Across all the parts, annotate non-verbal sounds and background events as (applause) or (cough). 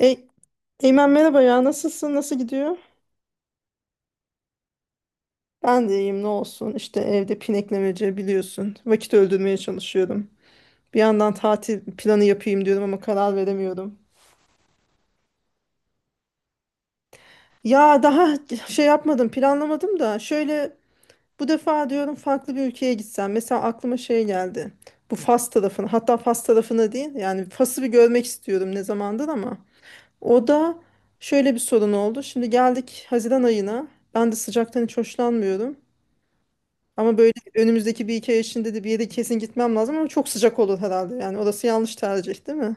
E, Eymen, merhaba ya, nasılsın, nasıl gidiyor? Ben de iyiyim, ne olsun işte, evde pineklemece biliyorsun, vakit öldürmeye çalışıyorum. Bir yandan tatil planı yapayım diyorum ama karar veremiyorum. Ya daha şey yapmadım, planlamadım da şöyle, bu defa diyorum farklı bir ülkeye gitsem, mesela aklıma şey geldi. Bu Fas tarafını, hatta Fas tarafını değil yani Fas'ı bir görmek istiyorum ne zamandır, ama o da şöyle bir sorun oldu. Şimdi geldik Haziran ayına, ben de sıcaktan hiç hoşlanmıyorum. Ama böyle önümüzdeki bir iki ay içinde de bir yere kesin gitmem lazım, ama çok sıcak olur herhalde. Yani orası yanlış tercih değil mi?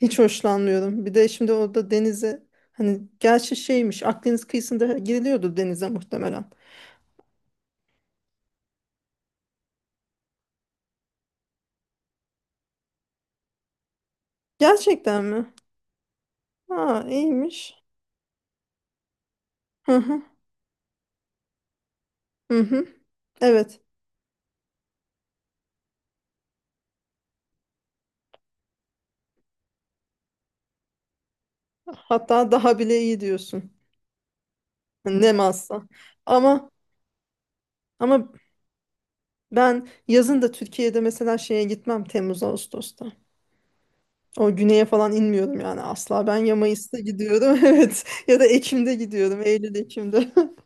Hiç hoşlanmıyorum. Bir de şimdi orada denize, hani gerçi şeymiş, Akdeniz kıyısında giriliyordu denize muhtemelen. Gerçekten mi? Ha, iyiymiş. Hı hı. Hı hı. Evet. Hatta daha bile iyi diyorsun. Ne masa. Ama ama ben yazın da Türkiye'de mesela şeye gitmem, Temmuz Ağustos'ta. O güneye falan inmiyorum yani asla. Ben ya Mayıs'ta gidiyorum (laughs) evet, ya da Ekim'de gidiyorum, Eylül Ekim'de. (laughs)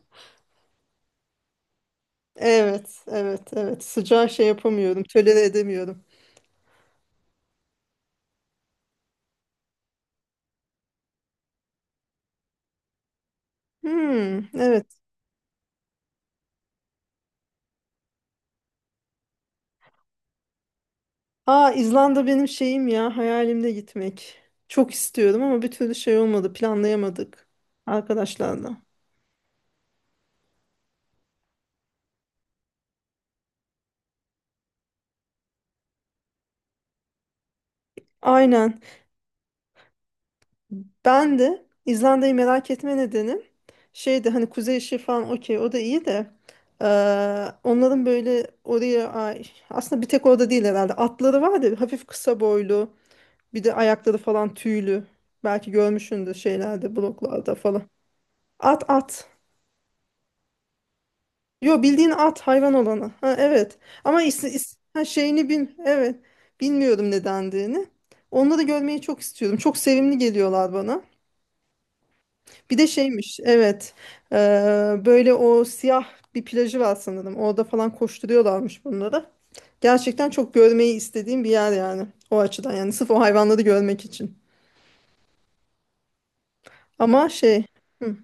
Evet, evet, evet, sıcağı şey yapamıyorum, tolere edemiyorum. Hmm, evet. Aa, İzlanda benim şeyim ya, hayalimde gitmek. Çok istiyorum ama bir türlü şey olmadı, planlayamadık arkadaşlarla. Aynen. Ben de İzlanda'yı merak etme nedenim şeydi, hani kuzey ışığı falan, okey, o da iyi de eee, onların böyle oraya aslında bir tek orada değil herhalde, atları var ya, hafif kısa boylu, bir de ayakları falan tüylü, belki görmüşsündür şeylerde, bloklarda falan. At yo, bildiğin at, hayvan olanı. Ha, evet, ama ha, şeyini bil, evet. Bilmiyorum nedendiğini, onları görmeyi çok istiyorum, çok sevimli geliyorlar bana. Bir de şeymiş, evet. Ee, böyle o siyah bir plajı var sanırım, orada falan koşturuyorlarmış bunları. Gerçekten çok görmeyi istediğim bir yer yani, o açıdan yani, sırf o hayvanları görmek için. Ama şey. Hı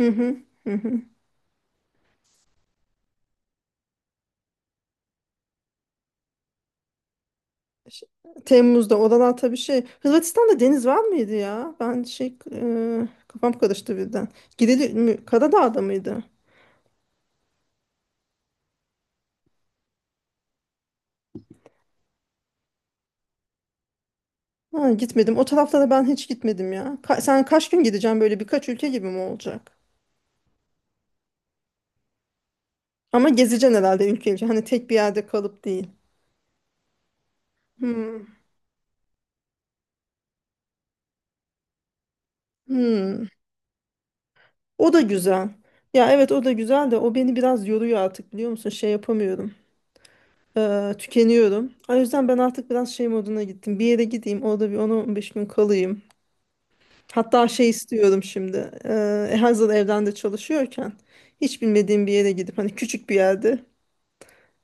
hı hı. Hı hı. Ş- Temmuz'da oralar tabii şey, Hırvatistan'da deniz var mıydı ya? Ben şey, kafam karıştı birden. Karadağ'da mıydı? Ha, gitmedim. O taraflara ben hiç gitmedim ya. Sen kaç gün gideceksin, böyle birkaç ülke gibi mi olacak? Ama gezeceksin herhalde, ülke ülke. Hani tek bir yerde kalıp değil. Hmm. Hmm. O da güzel. Ya evet, o da güzel de o beni biraz yoruyor artık, biliyor musun? Şey yapamıyorum. Tükeniyorum. O yüzden ben artık biraz şey moduna gittim. Bir yere gideyim, orada bir 10-15 gün kalayım. Hatta şey istiyorum şimdi. Hazır evden de çalışıyorken hiç bilmediğim bir yere gidip, hani küçük bir yerde,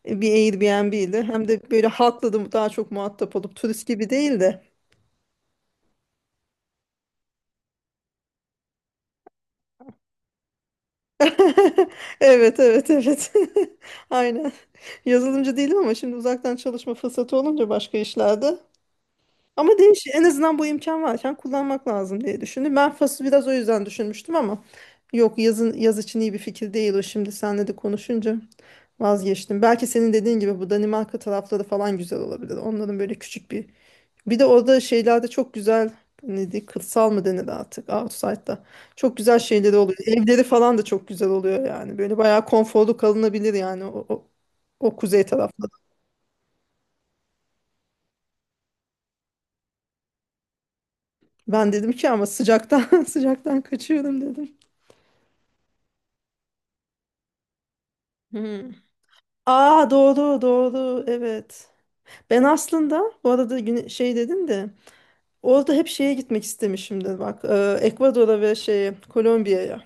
bir Airbnb ile, hem de böyle halkla da daha çok muhatap olup, turist gibi değil de. (laughs) Evet, evet, evet. (laughs) Aynen. Yazılımcı değilim ama şimdi uzaktan çalışma fırsatı olunca başka işlerde. Ama değiş, en azından bu imkan varken kullanmak lazım diye düşündüm. Ben Fas'ı biraz o yüzden düşünmüştüm ama yok, yazın, yaz için iyi bir fikir değil o, şimdi seninle de konuşunca vazgeçtim. Belki senin dediğin gibi bu Danimarka tarafları falan güzel olabilir. Onların böyle küçük bir, bir de orada şeylerde çok güzel, neydi, kırsal mı denir artık, outside'da çok güzel şeyleri oluyor. Evleri falan da çok güzel oluyor yani. Böyle bayağı konforlu kalınabilir yani, o, o, o kuzey tarafta. Ben dedim ki ama sıcaktan (laughs) sıcaktan kaçıyorum dedim. Hmm. Aa, doğru doğru, evet. Ben aslında bu arada güne- şey dedin de, orada hep şeye gitmek istemişimdir bak, Ekvador'a ve şeye, Kolombiya'ya.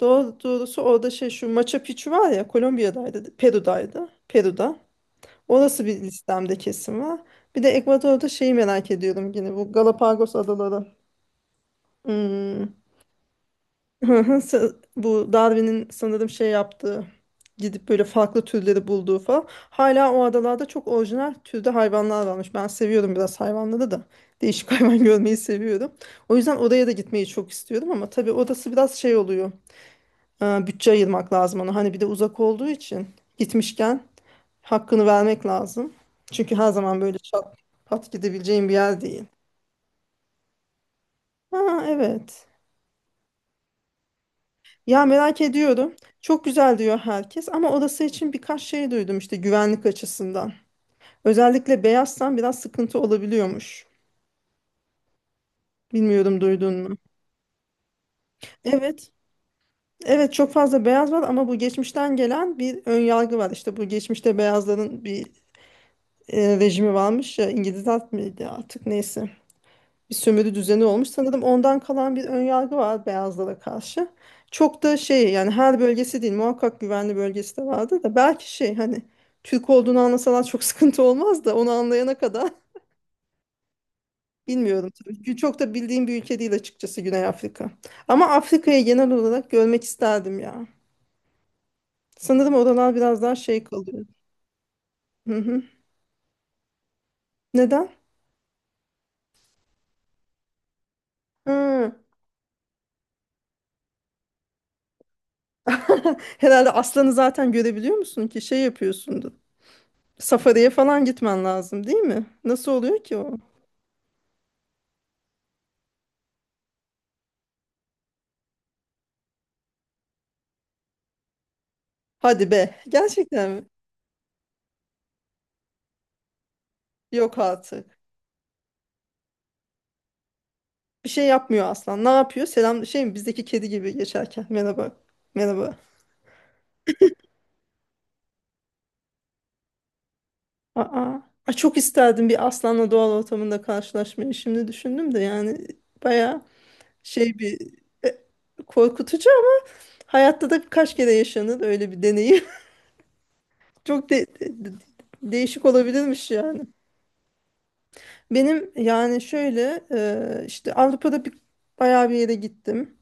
Doğrusu orada şey, şu Machu Picchu var ya, Kolombiya'daydı, Peru'daydı. Peru'da. Orası bir listemde kesin var. Bir de Ekvador'da şeyi merak ediyorum, yine bu Galapagos adaları. Hmm. (laughs) Bu Darwin'in sanırım şey yaptığı, gidip böyle farklı türleri bulduğu falan. Hala o adalarda çok orijinal türde hayvanlar varmış. Ben seviyorum biraz hayvanları da. Değişik (laughs) hayvan görmeyi seviyorum. O yüzden oraya da gitmeyi çok istiyorum ama tabii orası biraz şey oluyor. Bütçe ayırmak lazım ona. Hani bir de uzak olduğu için gitmişken hakkını vermek lazım. Çünkü her zaman böyle şat pat gidebileceğin bir yer değil. Ha, evet. Ya merak ediyorum. Çok güzel diyor herkes ama orası için birkaç şey duydum işte, güvenlik açısından. Özellikle beyazsan biraz sıkıntı olabiliyormuş. Bilmiyorum, duydun mu? Evet. Evet, çok fazla beyaz var ama bu geçmişten gelen bir ön yargı var. İşte bu geçmişte beyazların bir rejimi varmış ya, İngilizler miydi artık, neyse, bir sömürü düzeni olmuş. Sanırım ondan kalan bir önyargı var beyazlara karşı. Çok da şey yani, her bölgesi değil muhakkak, güvenli bölgesi de vardı da, belki şey hani Türk olduğunu anlasalar çok (laughs) sıkıntı olmaz da, onu anlayana kadar (laughs) bilmiyorum tabii. Çünkü çok da bildiğim bir ülke değil açıkçası, Güney Afrika. Ama Afrika'yı genel olarak görmek isterdim ya. Sanırım oralar biraz daha şey kalıyor. Hı hı. Neden? Hı. (laughs) Herhalde aslanı zaten görebiliyor musun ki şey yapıyorsundur. Safari'ye falan gitmen lazım değil mi? Nasıl oluyor ki o? Hadi be, gerçekten mi? Yok artık. Bir şey yapmıyor aslan. Ne yapıyor? Selam şey mi? Bizdeki kedi gibi geçerken. Merhaba. Merhaba. Aa. Ay, çok isterdim bir aslanla doğal ortamında karşılaşmayı. Şimdi düşündüm de yani baya şey bir e, korkutucu ama, hayatta da birkaç kere yaşanır öyle bir deneyim. (laughs) Çok değişik olabilirmiş yani. Benim yani şöyle, işte Avrupa'da bir bayağı bir yere gittim.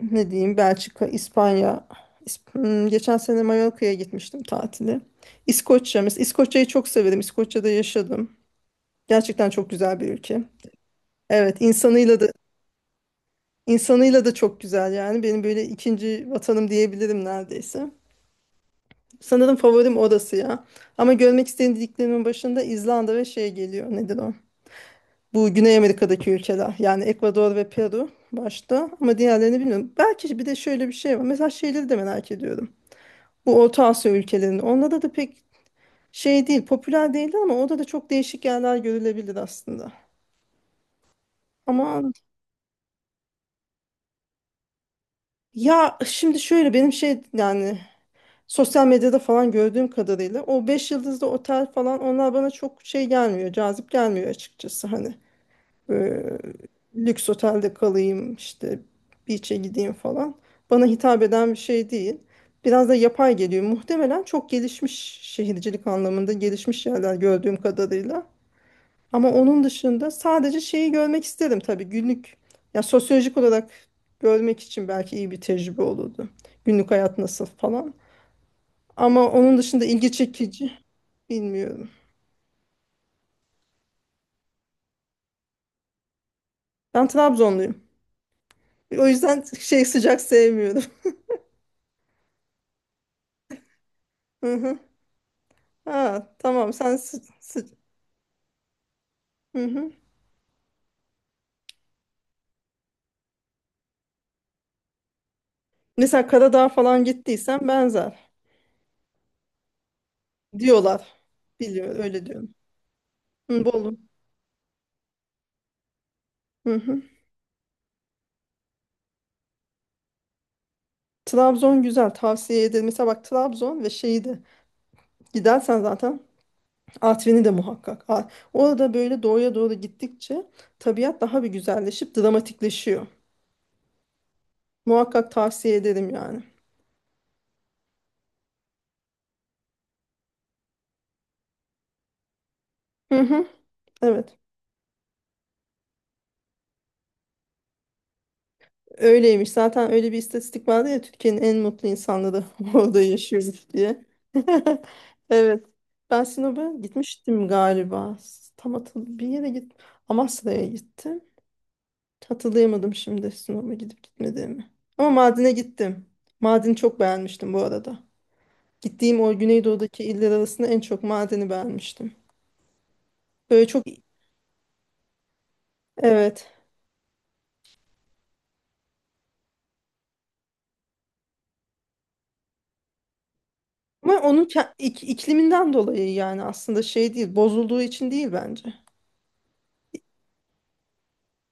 Ne diyeyim, Belçika, İspanya. Geçen sene Mallorca'ya gitmiştim tatili. İskoçya mesela, İskoçya'yı çok severim. İskoçya'da yaşadım. Gerçekten çok güzel bir ülke. Evet, insanıyla da, insanıyla da çok güzel yani. Benim böyle ikinci vatanım diyebilirim neredeyse. Sanırım favorim orası ya. Ama görmek istediklerimin başında İzlanda ve şey geliyor. Nedir o? Bu Güney Amerika'daki ülkeler yani, Ekvador ve Peru başta, ama diğerlerini bilmiyorum. Belki bir de şöyle bir şey var. Mesela şeyleri de merak ediyorum. Bu Orta Asya ülkelerinin, onlarda da pek şey değil, popüler değil ama orada da çok değişik yerler görülebilir aslında. Ama ya şimdi şöyle benim şey yani, sosyal medyada falan gördüğüm kadarıyla o 5 yıldızlı otel falan, onlar bana çok şey gelmiyor, cazip gelmiyor açıkçası hani. e, Lüks otelde kalayım işte, beach'e gideyim falan. Bana hitap eden bir şey değil. Biraz da yapay geliyor. Muhtemelen çok gelişmiş, şehircilik anlamında gelişmiş yerler gördüğüm kadarıyla. Ama onun dışında sadece şeyi görmek isterim tabii, günlük. Ya sosyolojik olarak görmek için belki iyi bir tecrübe olurdu. Günlük hayat nasıl falan. Ama onun dışında ilgi çekici bilmiyorum. Ben Trabzonluyum. O yüzden şey sıcak sevmiyorum. (laughs) Hı hı. Ha, tamam, sen hı hı. Mesela Karadağ falan gittiysen benzer diyorlar. Biliyor öyle diyorum. Hı, Bolu. Hı hı. Trabzon güzel, tavsiye ederim. Mesela bak Trabzon ve şeyi de gidersen zaten Artvin'i de muhakkak. Orada böyle doğuya doğru gittikçe tabiat daha bir güzelleşip dramatikleşiyor. Muhakkak tavsiye ederim yani. Hı hı. Evet. Öyleymiş. Zaten öyle bir istatistik vardı ya, Türkiye'nin en mutlu insanları (laughs) orada yaşıyormuş diye. (laughs) Evet. Ben Sinop'a gitmiştim galiba. Tam hatırlı bir yere git. Amasra'ya gittim. Hatırlayamadım şimdi Sinop'a gidip gitmediğimi. Ama Mardin'e gittim. Mardin'i çok beğenmiştim bu arada. Gittiğim o Güneydoğu'daki iller arasında en çok Mardin'i beğenmiştim. Böyle çok evet. Ama onun ke- ikliminden dolayı yani, aslında şey değil, bozulduğu için değil bence.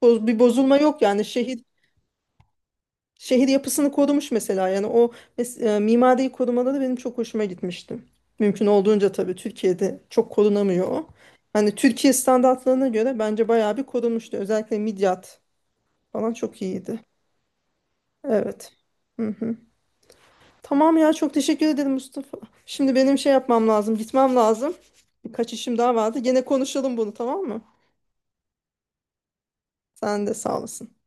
Bir bozulma yok yani, şehir, şehir yapısını korumuş mesela, yani o mimariyi korumaları benim çok hoşuma gitmişti. Mümkün olduğunca, tabii Türkiye'de çok korunamıyor o. Hani Türkiye standartlarına göre bence bayağı bir korunmuştu. Özellikle Midyat falan çok iyiydi. Evet. Hı hı. Tamam ya, çok teşekkür ederim Mustafa. Şimdi benim şey yapmam lazım, gitmem lazım. Birkaç işim daha vardı. Gene konuşalım bunu, tamam mı? Sen de sağ olasın.